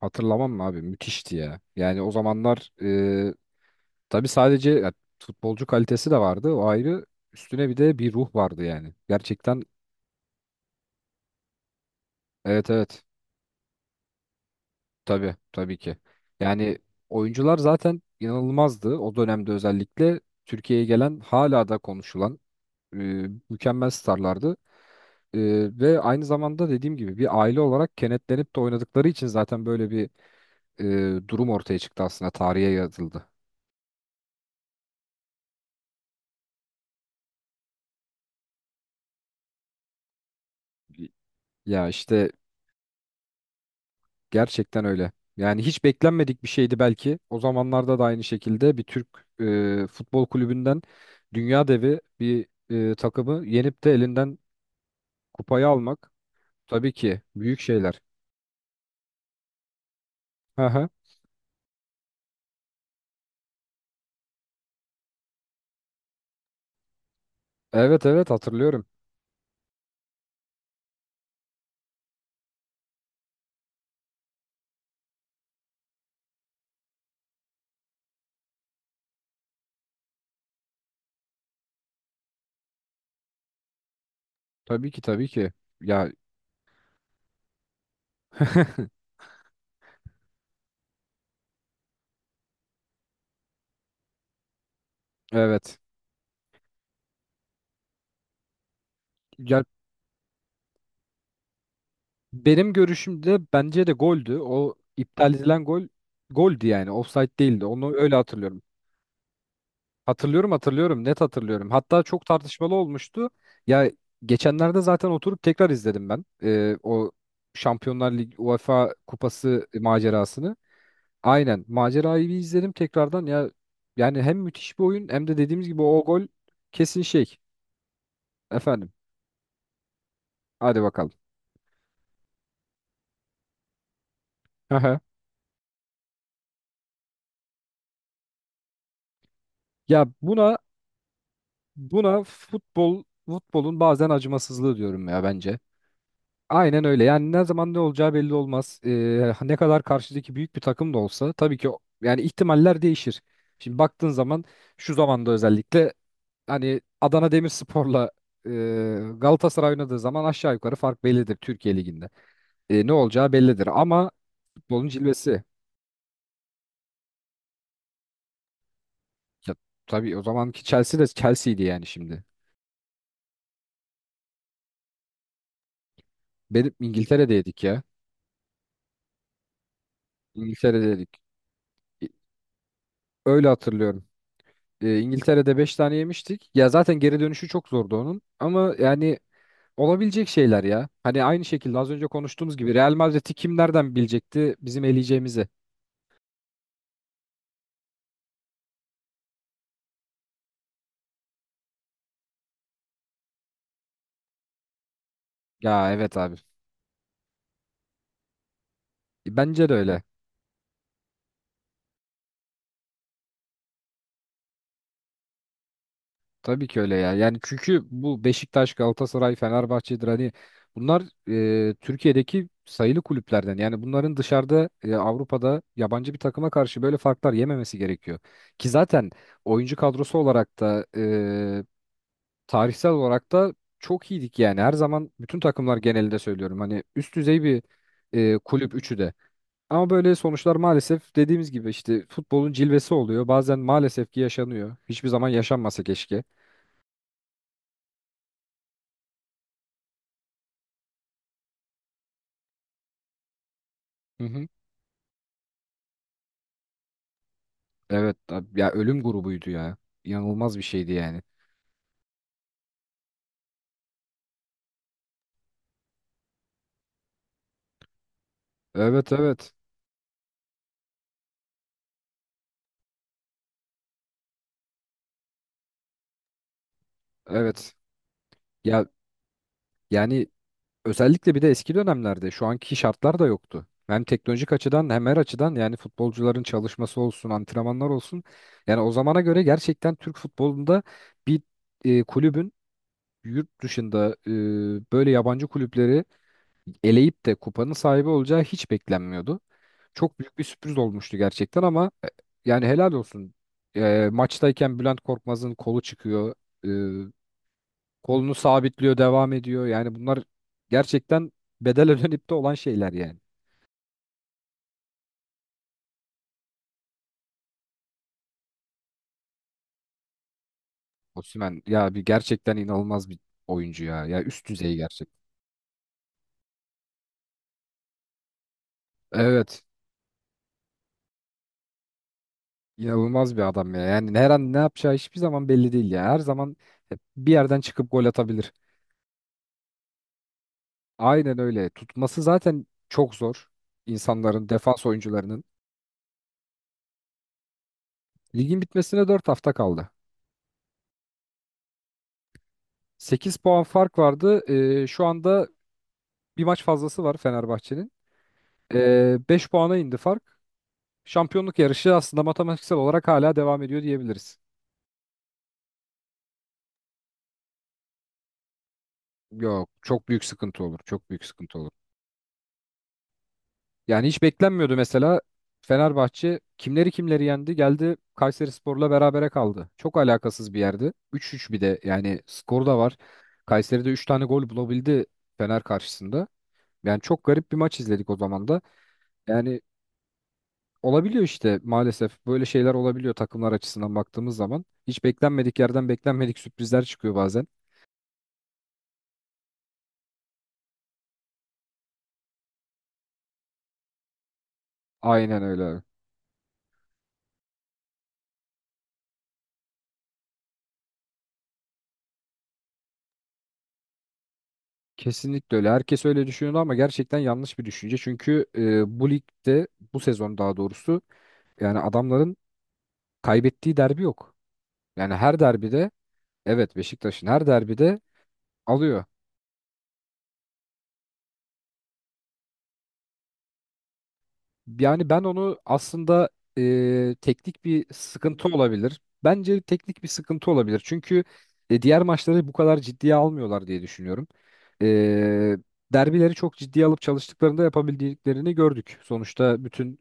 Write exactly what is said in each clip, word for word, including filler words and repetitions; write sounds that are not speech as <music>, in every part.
Hatırlamam mı abi? Müthişti ya. Yani o zamanlar e, tabii sadece ya, futbolcu kalitesi de vardı. O ayrı. Üstüne bir de bir ruh vardı yani. Gerçekten evet evet. Tabii tabii ki. Yani oyuncular zaten inanılmazdı. O dönemde özellikle Türkiye'ye gelen hala da konuşulan e, mükemmel starlardı. E, ve aynı zamanda dediğim gibi bir aile olarak kenetlenip de oynadıkları için zaten böyle bir e, durum ortaya çıktı aslında. Tarihe yazıldı. Ya işte. Gerçekten öyle. Yani hiç beklenmedik bir şeydi belki. O zamanlarda da aynı şekilde bir Türk e, futbol kulübünden dünya devi bir e, takımı yenip de elinden kupayı almak tabii ki büyük şeyler. Aha. Evet evet hatırlıyorum. Tabii ki tabii ki. Ya, <laughs> evet. Ya benim görüşümde bence de goldü. O iptal edilen gol goldü yani. Offside değildi. Onu öyle hatırlıyorum. Hatırlıyorum hatırlıyorum net hatırlıyorum. Hatta çok tartışmalı olmuştu. Ya geçenlerde zaten oturup tekrar izledim ben e, o Şampiyonlar Ligi UEFA Kupası macerasını. Aynen macerayı bir izledim tekrardan ya, yani hem müthiş bir oyun hem de dediğimiz gibi o gol kesin şey. Efendim, hadi bakalım. Aha. Ya buna buna, futbol futbolun bazen acımasızlığı diyorum ya bence. Aynen öyle. Yani ne zaman ne olacağı belli olmaz. Ee, ne kadar karşıdaki büyük bir takım da olsa tabii ki o- yani ihtimaller değişir. Şimdi baktığın zaman şu zamanda özellikle hani Adana Demirspor'la e, Galatasaray oynadığı zaman aşağı yukarı fark bellidir Türkiye Ligi'nde. E, ne olacağı bellidir ama futbolun cilvesi. Ya, tabii o zamanki Chelsea de Chelsea'ydi yani şimdi. Benim İngiltere'deydik ya. İngiltere'deydik. E, Öyle hatırlıyorum. E, İngiltere'de beş tane yemiştik. Ya zaten geri dönüşü çok zordu onun. Ama yani olabilecek şeyler ya. Hani aynı şekilde az önce konuştuğumuz gibi Real Madrid'i kim nereden bilecekti bizim eleyeceğimizi? Ya evet abi. E, Bence de öyle. Tabii ki öyle ya. Yani çünkü bu Beşiktaş, Galatasaray, Fenerbahçe'dir hani, bunlar e, Türkiye'deki sayılı kulüplerden. Yani bunların dışarıda, e, Avrupa'da yabancı bir takıma karşı böyle farklar yememesi gerekiyor. Ki zaten oyuncu kadrosu olarak da e, tarihsel olarak da çok iyiydik yani. Her zaman bütün takımlar genelinde söylüyorum. Hani üst düzey bir e, kulüp üçü de. Ama böyle sonuçlar maalesef dediğimiz gibi işte futbolun cilvesi oluyor. Bazen maalesef ki yaşanıyor. Hiçbir zaman yaşanmasa keşke. Hı hı. Evet ab- ya, ölüm grubuydu ya. İnanılmaz bir şeydi yani. Evet evet. Evet. Ya yani özellikle bir de eski dönemlerde şu anki şartlar da yoktu. Hem teknolojik açıdan hem her açıdan, yani futbolcuların çalışması olsun, antrenmanlar olsun. Yani o zamana göre gerçekten Türk futbolunda bir e, kulübün yurt dışında e, böyle yabancı kulüpleri eleyip de kupanın sahibi olacağı hiç beklenmiyordu. Çok büyük bir sürpriz olmuştu gerçekten ama, e, yani helal olsun. E, maçtayken Bülent Korkmaz'ın kolu çıkıyor. E, Kolunu sabitliyor, devam ediyor. Yani bunlar gerçekten bedel ödenip <laughs> de olan şeyler yani. Osimhen ya, bir gerçekten inanılmaz bir oyuncu ya. Ya üst düzey gerçek. Evet. inanılmaz bir adam ya. Yani her an ne yapacağı hiçbir zaman belli değil ya. Her zaman bir yerden çıkıp gol atabilir. Aynen öyle. Tutması zaten çok zor. İnsanların, defans oyuncularının. Ligin bitmesine dört hafta kaldı. Sekiz puan fark vardı. Ee, şu anda bir maç fazlası var Fenerbahçe'nin. Ee, beş 5 puana indi fark. Şampiyonluk yarışı aslında matematiksel olarak hala devam ediyor diyebiliriz. Yok, çok büyük sıkıntı olur. Çok büyük sıkıntı olur. Yani hiç beklenmiyordu mesela Fenerbahçe kimleri kimleri yendi, geldi Kayserispor'la berabere kaldı. Çok alakasız bir yerde. üç üç bir de yani skor da var. Kayseri'de üç tane gol bulabildi Fener karşısında. Yani çok garip bir maç izledik o zaman da. Yani olabiliyor işte, maalesef böyle şeyler olabiliyor takımlar açısından baktığımız zaman. Hiç beklenmedik yerden beklenmedik sürprizler çıkıyor bazen. Aynen öyle. Kesinlikle öyle. Herkes öyle düşünüyordu ama gerçekten yanlış bir düşünce. Çünkü e, bu ligde, bu sezon daha doğrusu, yani adamların kaybettiği derbi yok. Yani her derbide, evet, Beşiktaş'ın her derbide alıyor. Yani ben onu aslında, e, teknik bir sıkıntı olabilir. Bence teknik bir sıkıntı olabilir. Çünkü e, diğer maçları bu kadar ciddiye almıyorlar diye düşünüyorum. E, derbileri çok ciddiye alıp çalıştıklarında yapabildiklerini gördük. Sonuçta bütün.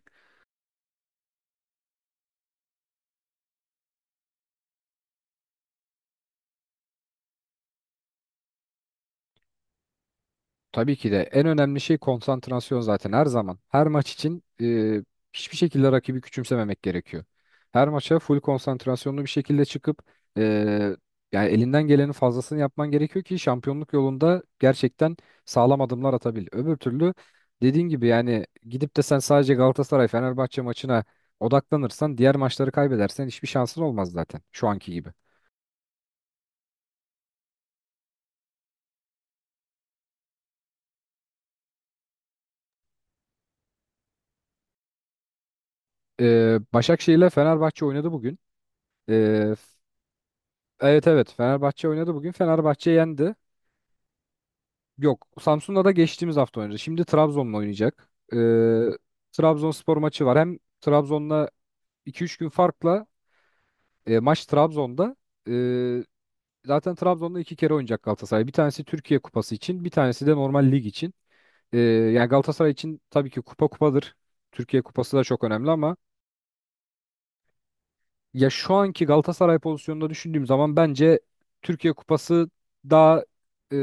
Tabii ki de en önemli şey konsantrasyon zaten her zaman. Her maç için e, hiçbir şekilde rakibi küçümsememek gerekiyor. Her maça full konsantrasyonlu bir şekilde çıkıp e, yani elinden gelenin fazlasını yapman gerekiyor ki şampiyonluk yolunda gerçekten sağlam adımlar atabil. Öbür türlü dediğin gibi yani gidip de sen sadece Galatasaray Fenerbahçe maçına odaklanırsan, diğer maçları kaybedersen hiçbir şansın olmaz zaten şu anki gibi. E, Başakşehir ile Fenerbahçe oynadı bugün. E, Evet evet, Fenerbahçe oynadı bugün. Fenerbahçe yendi. Yok, Samsun'la da geçtiğimiz hafta oynadı. Şimdi Trabzon'la oynayacak. Ee, Trabzonspor maçı var. Hem Trabzon'la iki üç gün farkla, e, maç Trabzon'da. Ee, zaten Trabzon'da iki kere oynayacak Galatasaray. Bir tanesi Türkiye Kupası için, bir tanesi de normal lig için. Ee, yani Galatasaray için tabii ki kupa kupadır. Türkiye Kupası da çok önemli ama. Ya şu anki Galatasaray pozisyonunda düşündüğüm zaman bence Türkiye Kupası daha e,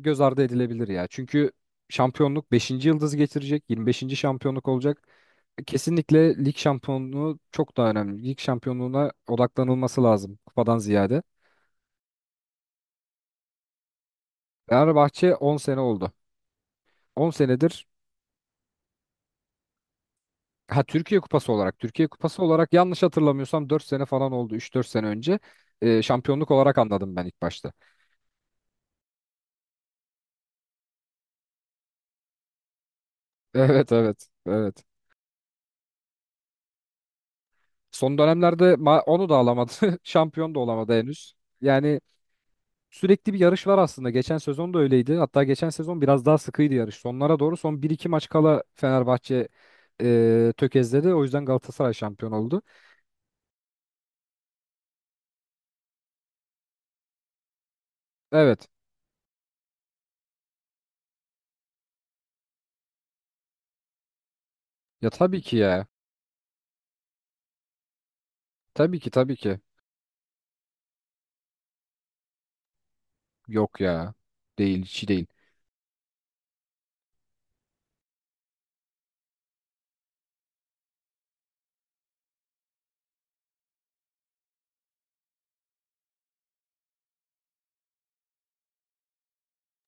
göz ardı edilebilir ya. Çünkü şampiyonluk beşinci yıldız getirecek, yirmi beşinci şampiyonluk olacak. Kesinlikle lig şampiyonluğu çok daha önemli. Lig şampiyonluğuna odaklanılması lazım kupadan ziyade. Fenerbahçe on sene oldu. On senedir, ha, Türkiye Kupası olarak, Türkiye Kupası olarak yanlış hatırlamıyorsam dört sene falan oldu, üç dört sene önce. E, şampiyonluk olarak anladım ben ilk başta. <laughs> Evet, evet, evet. Son dönemlerde ma- onu da alamadı. <laughs> Şampiyon da olamadı henüz. Yani sürekli bir yarış var aslında. Geçen sezon da öyleydi. Hatta geçen sezon biraz daha sıkıydı yarış. Sonlara doğru, son bir iki maç kala Fenerbahçe e, tökezledi. O yüzden Galatasaray şampiyon oldu. Evet. Ya tabii ki ya. Tabii ki tabii ki. Yok ya. Değil, hiç değil.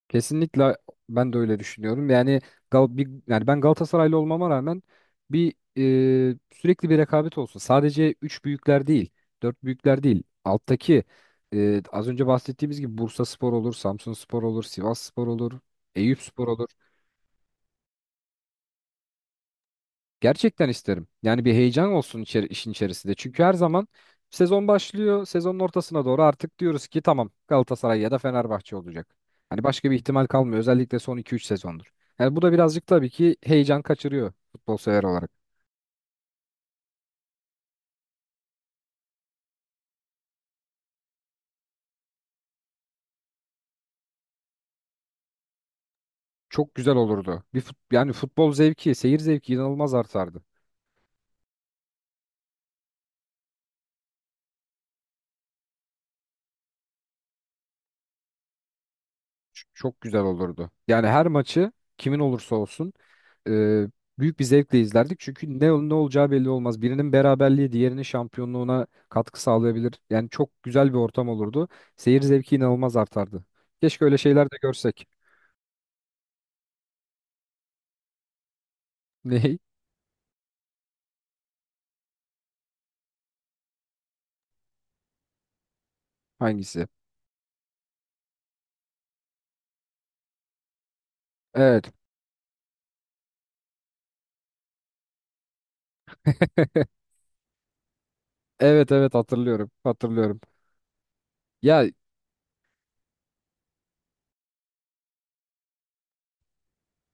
Kesinlikle ben de öyle düşünüyorum. Yani Gal bir, yani ben Galatasaraylı olmama rağmen bir, e, sürekli bir rekabet olsun. Sadece üç büyükler değil, dört büyükler değil. Alttaki e, az önce bahsettiğimiz gibi Bursaspor olur, Samsunspor olur, Sivasspor olur, Eyüpspor olur. Gerçekten isterim. Yani bir heyecan olsun içeri- işin içerisinde. Çünkü her zaman sezon başlıyor. Sezonun ortasına doğru artık diyoruz ki tamam, Galatasaray ya da Fenerbahçe olacak. Hani başka bir ihtimal kalmıyor. Özellikle son iki üç sezondur. Yani bu da birazcık tabii ki heyecan kaçırıyor futbol sever olarak. Çok güzel olurdu. Bir fut- yani futbol zevki, seyir zevki inanılmaz artardı. Ç- Çok güzel olurdu. Yani her maçı, kimin olursa olsun, e, büyük bir zevkle izlerdik. Çünkü ne ol- ne olacağı belli olmaz. Birinin beraberliği diğerinin şampiyonluğuna katkı sağlayabilir. Yani çok güzel bir ortam olurdu. Seyir zevki inanılmaz artardı. Keşke öyle şeyler de görsek. <laughs> Ney? Hangisi? Evet. Evet evet hatırlıyorum. Hatırlıyorum. Ya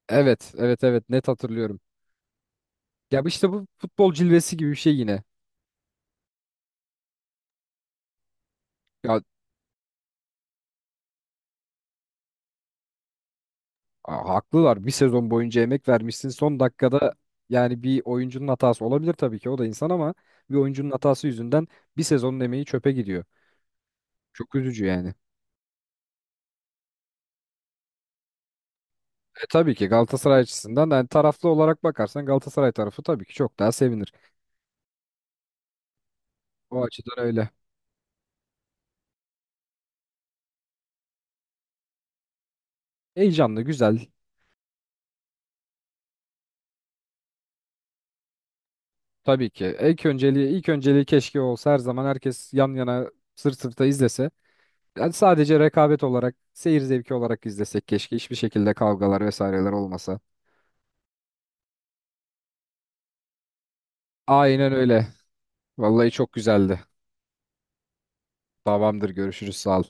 evet evet evet, net hatırlıyorum. Ya bu işte bu futbol cilvesi gibi bir şey yine. Ya Ha- haklılar. Bir sezon boyunca emek vermişsin. Son dakikada yani bir oyuncunun hatası olabilir tabii ki. O da insan ama bir oyuncunun hatası yüzünden bir sezonun emeği çöpe gidiyor. Çok üzücü yani. E tabii ki Galatasaray açısından, yani taraflı olarak bakarsan Galatasaray tarafı tabii ki çok daha sevinir. O açıdan öyle. Heyecanlı, güzel. Tabii ki. İlk önceliği, ilk önceliği keşke olsa her zaman, herkes yan yana, sırt sırta izlese. Yani sadece rekabet olarak, seyir zevki olarak izlesek keşke. Hiçbir şekilde kavgalar vesaireler olmasa. Aynen öyle. Vallahi çok güzeldi. Tamamdır, görüşürüz, sağ ol.